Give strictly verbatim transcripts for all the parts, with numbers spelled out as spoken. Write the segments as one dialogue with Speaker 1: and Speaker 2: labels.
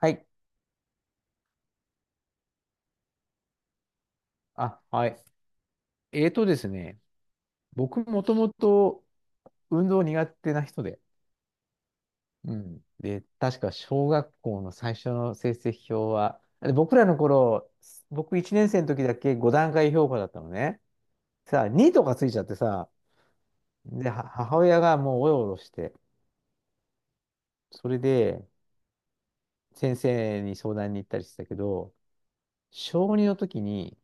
Speaker 1: はい。あ、はい。えーとですね、僕もともと運動苦手な人で、うん。で、確か小学校の最初の成績表は、で、僕らの頃、僕いちねん生の時だけご段階評価だったのね。さあ、にとかついちゃってさ、で、は母親がもうおろおろして、それで先生に相談に行ったりしてたけど、小にの時に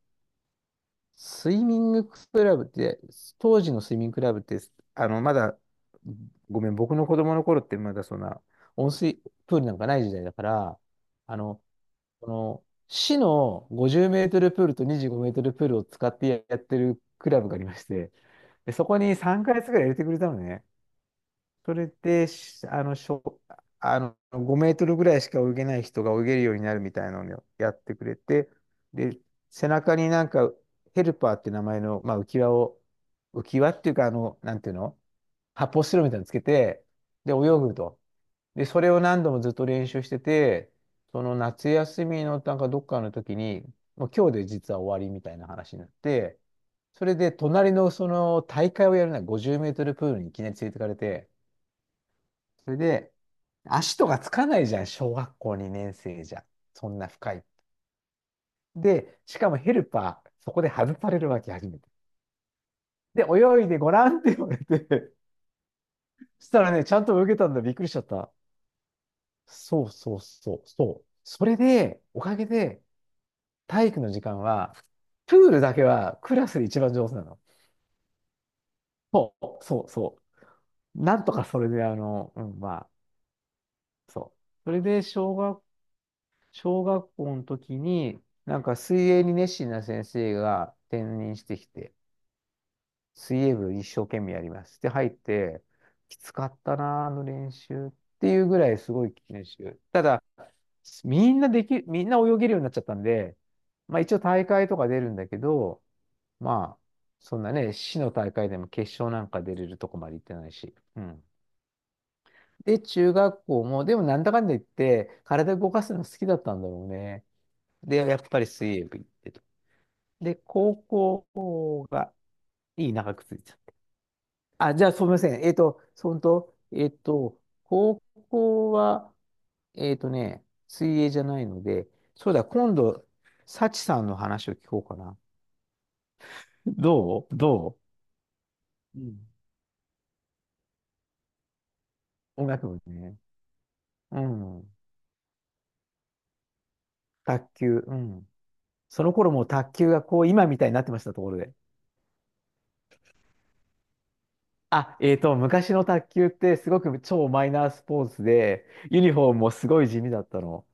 Speaker 1: スイミングクラブって、当時のスイミングクラブって、あの、まだ、ごめん、僕の子供の頃ってまだそんな、温水プールなんかない時代だから、あの、この、市のごじゅうメートルプールとにじゅうごメートルプールを使ってやってるクラブがありまして、で、そこにさんかげつぐらい入れてくれたのね。それで、しあの、しょ、あの、ごメートルぐらいしか泳げない人が泳げるようになるみたいなのをやってくれて、で、背中になんか、ヘルパーって名前の、まあ、浮き輪を、浮き輪っていうか、あの、なんていうの、発泡スチロールみたいなのつけて、で、泳ぐと。で、それを何度もずっと練習してて、その夏休みのなんかどっかの時に、もう今日で実は終わりみたいな話になって、それで隣のその大会をやるならごじゅうメートルプールにいきなり連れてかれて、それで、足とかつかないじゃん、小学校にねん生じゃ。そんな深い。で、しかもヘルパー、そこで外されるわけ、初めて。で、泳いでごらんって言われて、そしたらね、ちゃんと泳げたんだ、びっくりしちゃった。そうそうそう、そう。それで、おかげで、体育の時間は、プールだけはクラスで一番上手なの。そう、そう、そう。なんとかそれで、あの、うん、まあ、そう。それで、小学小学校の時に、なんか水泳に熱心な先生が転任してきて、水泳部一生懸命やります。で、入って、きつかったな、あの練習っていうぐらいすごい練習。ただ、みんなでき、みんな泳げるようになっちゃったんで、まあ一応大会とか出るんだけど、まあ、そんなね、市の大会でも決勝なんか出れるとこまで行ってないし。うん。で、中学校も、でもなんだかんだ言って、体動かすの好きだったんだろうね。で、やっぱり水泳部行ってと。で、高校が、いい長くついちゃった。あ、じゃあ、すみません。えっと、そんと、えっと、高校は、えっとね、水泳じゃないので、そうだ、今度、サチさんの話を聞こうかな。どうどう、うん、音楽部ね。うん。卓球。うん。その頃もう卓球がこう、今みたいになってました、ところで。あ、えっと、昔の卓球ってすごく超マイナースポーツで、ユニフォームもすごい地味だったの。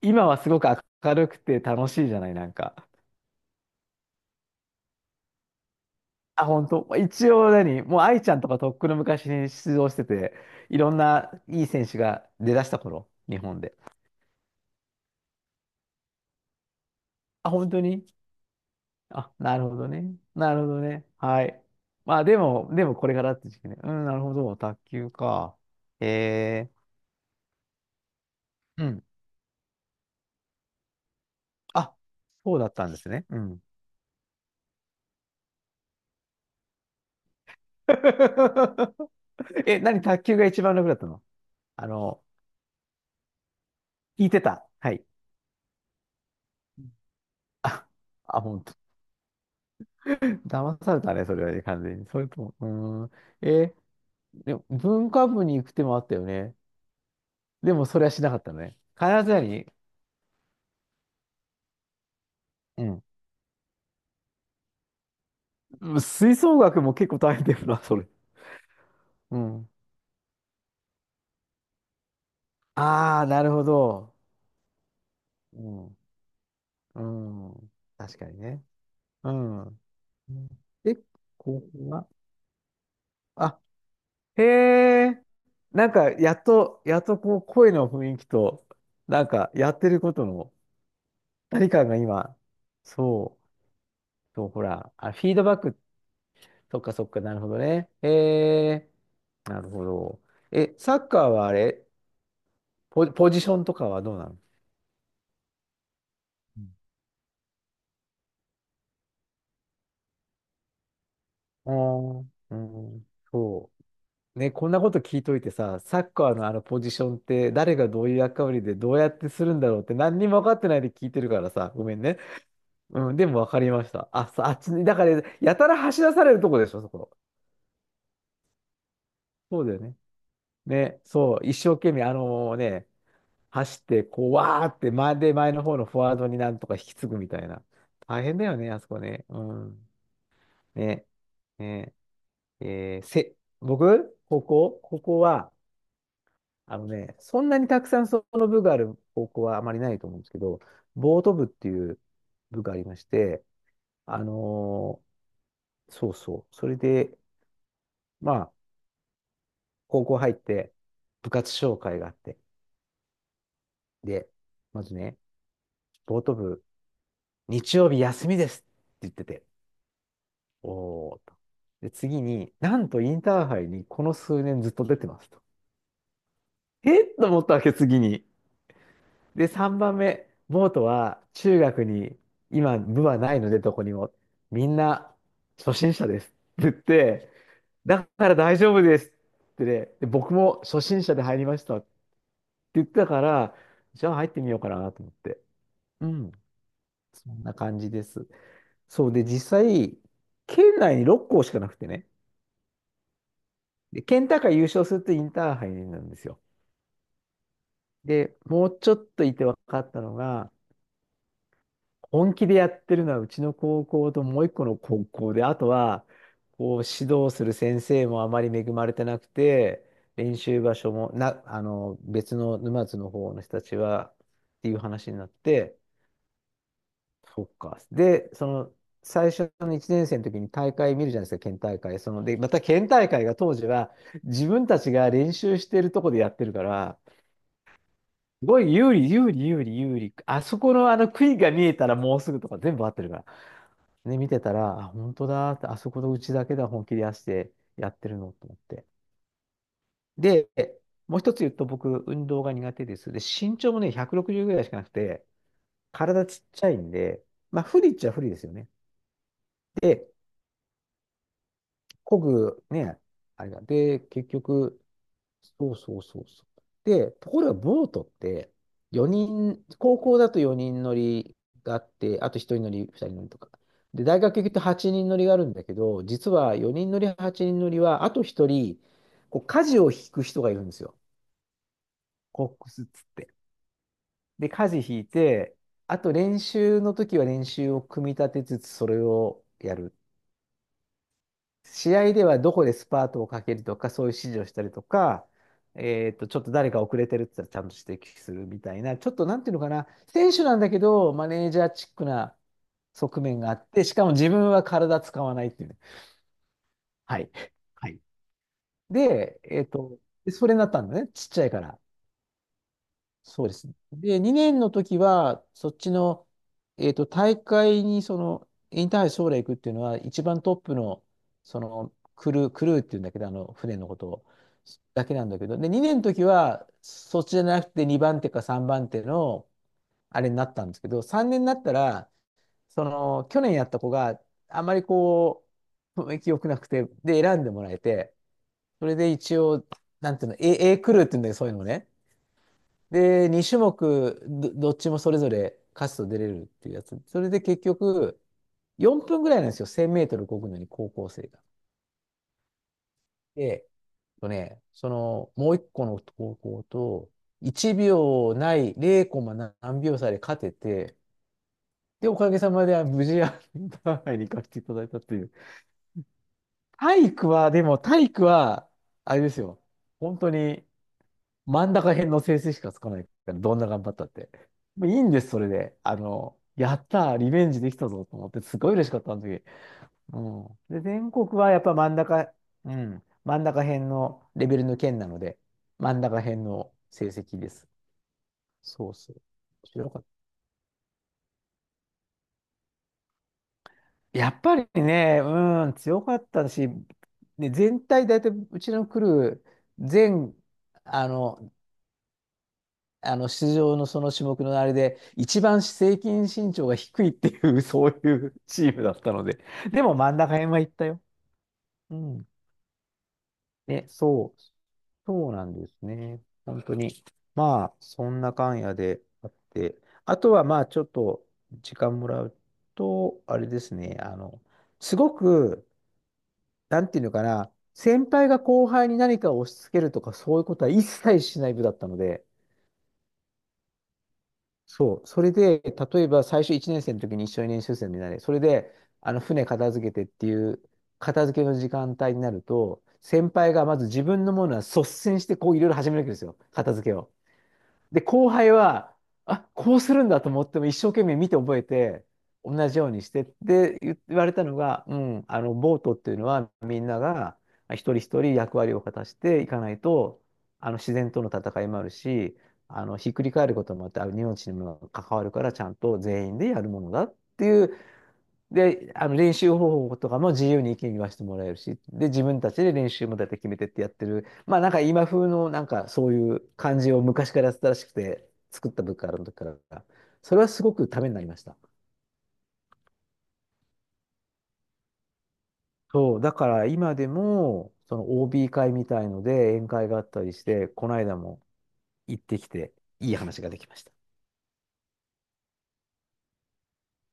Speaker 1: 今はすごく明るくて楽しいじゃない、なんか。あ、本当。一応何、もう愛ちゃんとかとっくの昔に出場してて、いろんないい選手が出だした頃、日本で。あ、本当に、あ、なるほどね。なるほどね。はい。まあでも、でもこれからって時期ね。うん、なるほど。卓球か。へえ。うん。あ、そうだったんですね。うん。え、何、卓球が一番楽だったの？あの、聞いてた。はい。あ、あ、本騙されたね、それはね、完全に。それとも、うーん。えー、でも文化部に行く手もあったよね。でも、それはしなかったね。必ずやに、うん。うん、吹奏楽も結構大変だよな、それ。うん。ああ、なるほど。うん。うん。確かにね。うん。で、ここが、あ、へえ。なんか、やっと、やっとこう、声の雰囲気と、なんか、やってることの、何かが今、そう、そう、ほら、あ、フィードバックっ、そっかそっか、なるほどね。ええ、なるほど。え、サッカーはあれ、ポ、ポジションとかはどうなの？ああー、うん、そう。ね、こんなこと聞いといてさ、サッカーのあのポジションって誰がどういう役割でどうやってするんだろうって何にも分かってないで聞いてるからさ、ごめんね。うん、でも分かりました。あ、さあっちに、だから、やたら走らされるとこでしょ、そこ。そうだよね。ね、そう、一生懸命、あのね、走って、こう、わーって前で前の方のフォワードになんとか引き継ぐみたいな。大変だよね、あそこね。うん。ね。ね。えーせ、僕、高校、高校は、あのね、そんなにたくさんその部がある高校はあまりないと思うんですけど、ボート部っていう部がありまして、あのーそうそう。それで、まあ、高校入って、部活紹介があって、で、まずね、ボート部、日曜日休みですって言ってて、おーと。で、次に、なんとインターハイにこの数年ずっと出てますと。えっと思ったわけ、次に。で、さんばんめ、ボートは中学に今、部はないので、どこにも。みんな初心者です。って言って、だから大丈夫ですってね、で、僕も初心者で入りましたって言ってたから、じゃあ入ってみようかなと思って。うん、そんな感じです。そうで、実際、県内にろっ校しかなくてね。で、ケンタが優勝するとインターハイなんですよ。で、もうちょっといて分かったのが、本気でやってるのはうちの高校ともう一個の高校で、あとは、こう指導する先生もあまり恵まれてなくて、練習場所もな、あの、別の沼津の方の人たちは、っていう話になって、そっか。で、その、最初のいちねん生の時に大会見るじゃないですか、県大会。その、で、また県大会が当時は、自分たちが練習してるとこでやってるから、すごい有利、有利、有利、有利。あそこのあの杭が見えたらもうすぐとか全部合ってるから。ね、見てたら、あ、本当だって、あそこのうちだけで本気で出してやってるのと思って。で、もう一つ言うと僕、運動が苦手です。で、身長もね、ひゃくろくじゅうぐらいしかなくて、体ちっちゃいんで、まあ、不利っちゃ不利ですよね。で、こぐ、ね、あれが。で、結局、そうそうそうそう。で、ところがボートってよにん、高校だとよにん乗りがあって、あとひとり乗り、ふたり乗りとか。で、大学行くとはちにん乗りがあるんだけど、実はよにん乗り、はちにん乗りは、あとひとり、こう、舵を引く人がいるんですよ。コックスっつって。で、舵引いて、あと練習の時は練習を組み立てつつ、それをやる。試合ではどこでスパートをかけるとか、そういう指示をしたりとか、えっと、ちょっと誰か遅れてるって言ったらちゃんと指摘するみたいな、ちょっとなんていうのかな、選手なんだけど、マネージャーチックな側面があって、しかも自分は体使わないっていうね。はい。はい。で、えっと、でそれになったんだね、ちっちゃいから。そうですね。で、にねんの時は、そっちの、えっと、大会に、その、インターハイ将来行くっていうのは、一番トップの、その、クルー、クルーっていうんだけど、あの、船のことを、だけなんだけど、で、にねんの時は、そっちじゃなくてにばん手かさんばん手の、あれになったんですけど、さんねんになったら、その、去年やった子があまりこう、雰囲気良くなくて、で、選んでもらえて、それで一応、なんていうの、A、A クルーっていうんだけど、そういうのね。で、に種目ど、どっちもそれぞれ勝つと出れるっていうやつ。それで結局、よんぷんぐらいなんですよ。せんメートル漕ぐのに高校生が。で、えっとね、その、もう一個の高校と、いちびょうない、ゼロコマ何秒差で勝てて、で、おかげさまで無事、あのパーハイに行かせていただいたっていう。体育は、でも体育は、あれですよ。本当に、真ん中辺の成績しかつかないから、どんな頑張ったって。もういいんです、それで。あの、やったー、リベンジできたぞと思って、すごい嬉しかったん時。うん。で、全国はやっぱ真ん中、うん、真ん中辺のレベルの県なので、真ん中辺の成績です。そうそう。強かった。やっぱりね、うん、強かったし、ね、全体大体うちの来る全、あの、あの出場のその種目のあれで、一番平均身長が低いっていう そういうチームだったので、でも真ん中辺は行ったよ。うん。ね、そう、そうなんですね。本当に。まあ、そんな感やであって、あとはまあ、ちょっと時間もらうと、あれですね、あの、すごく、なんていうのかな、先輩が後輩に何かを押し付けるとか、そういうことは一切しない部だったので、そう。それで、例えば最初いちねん生の時に一緒に練習生になれ。それで、あの、船片付けてっていう、片付けの時間帯になると、先輩がまず自分のものは率先してこういろいろ始めるわけですよ。片付けを。で、後輩は、あ、こうするんだと思っても一生懸命見て覚えて、同じようにしてって言言われたのが、うん、あの、ボートっていうのはみんなが一人一人役割を果たしていかないと、あの、自然との戦いもあるし、あの、ひっくり返ることもあって、あの命にも関わるから、ちゃんと全員でやるものだっていう。で、あの練習方法とかも自由に意見言わせてもらえるし、で、自分たちで練習もだいたい決めてってやってる。まあなんか今風のなんかそういう感じを昔からやってたらしくて、作った部活ある時から。それはすごくためになりました。そう、だから今でも、その オービー 会みたいので宴会があったりして、この間も行ってきて、いい話ができました。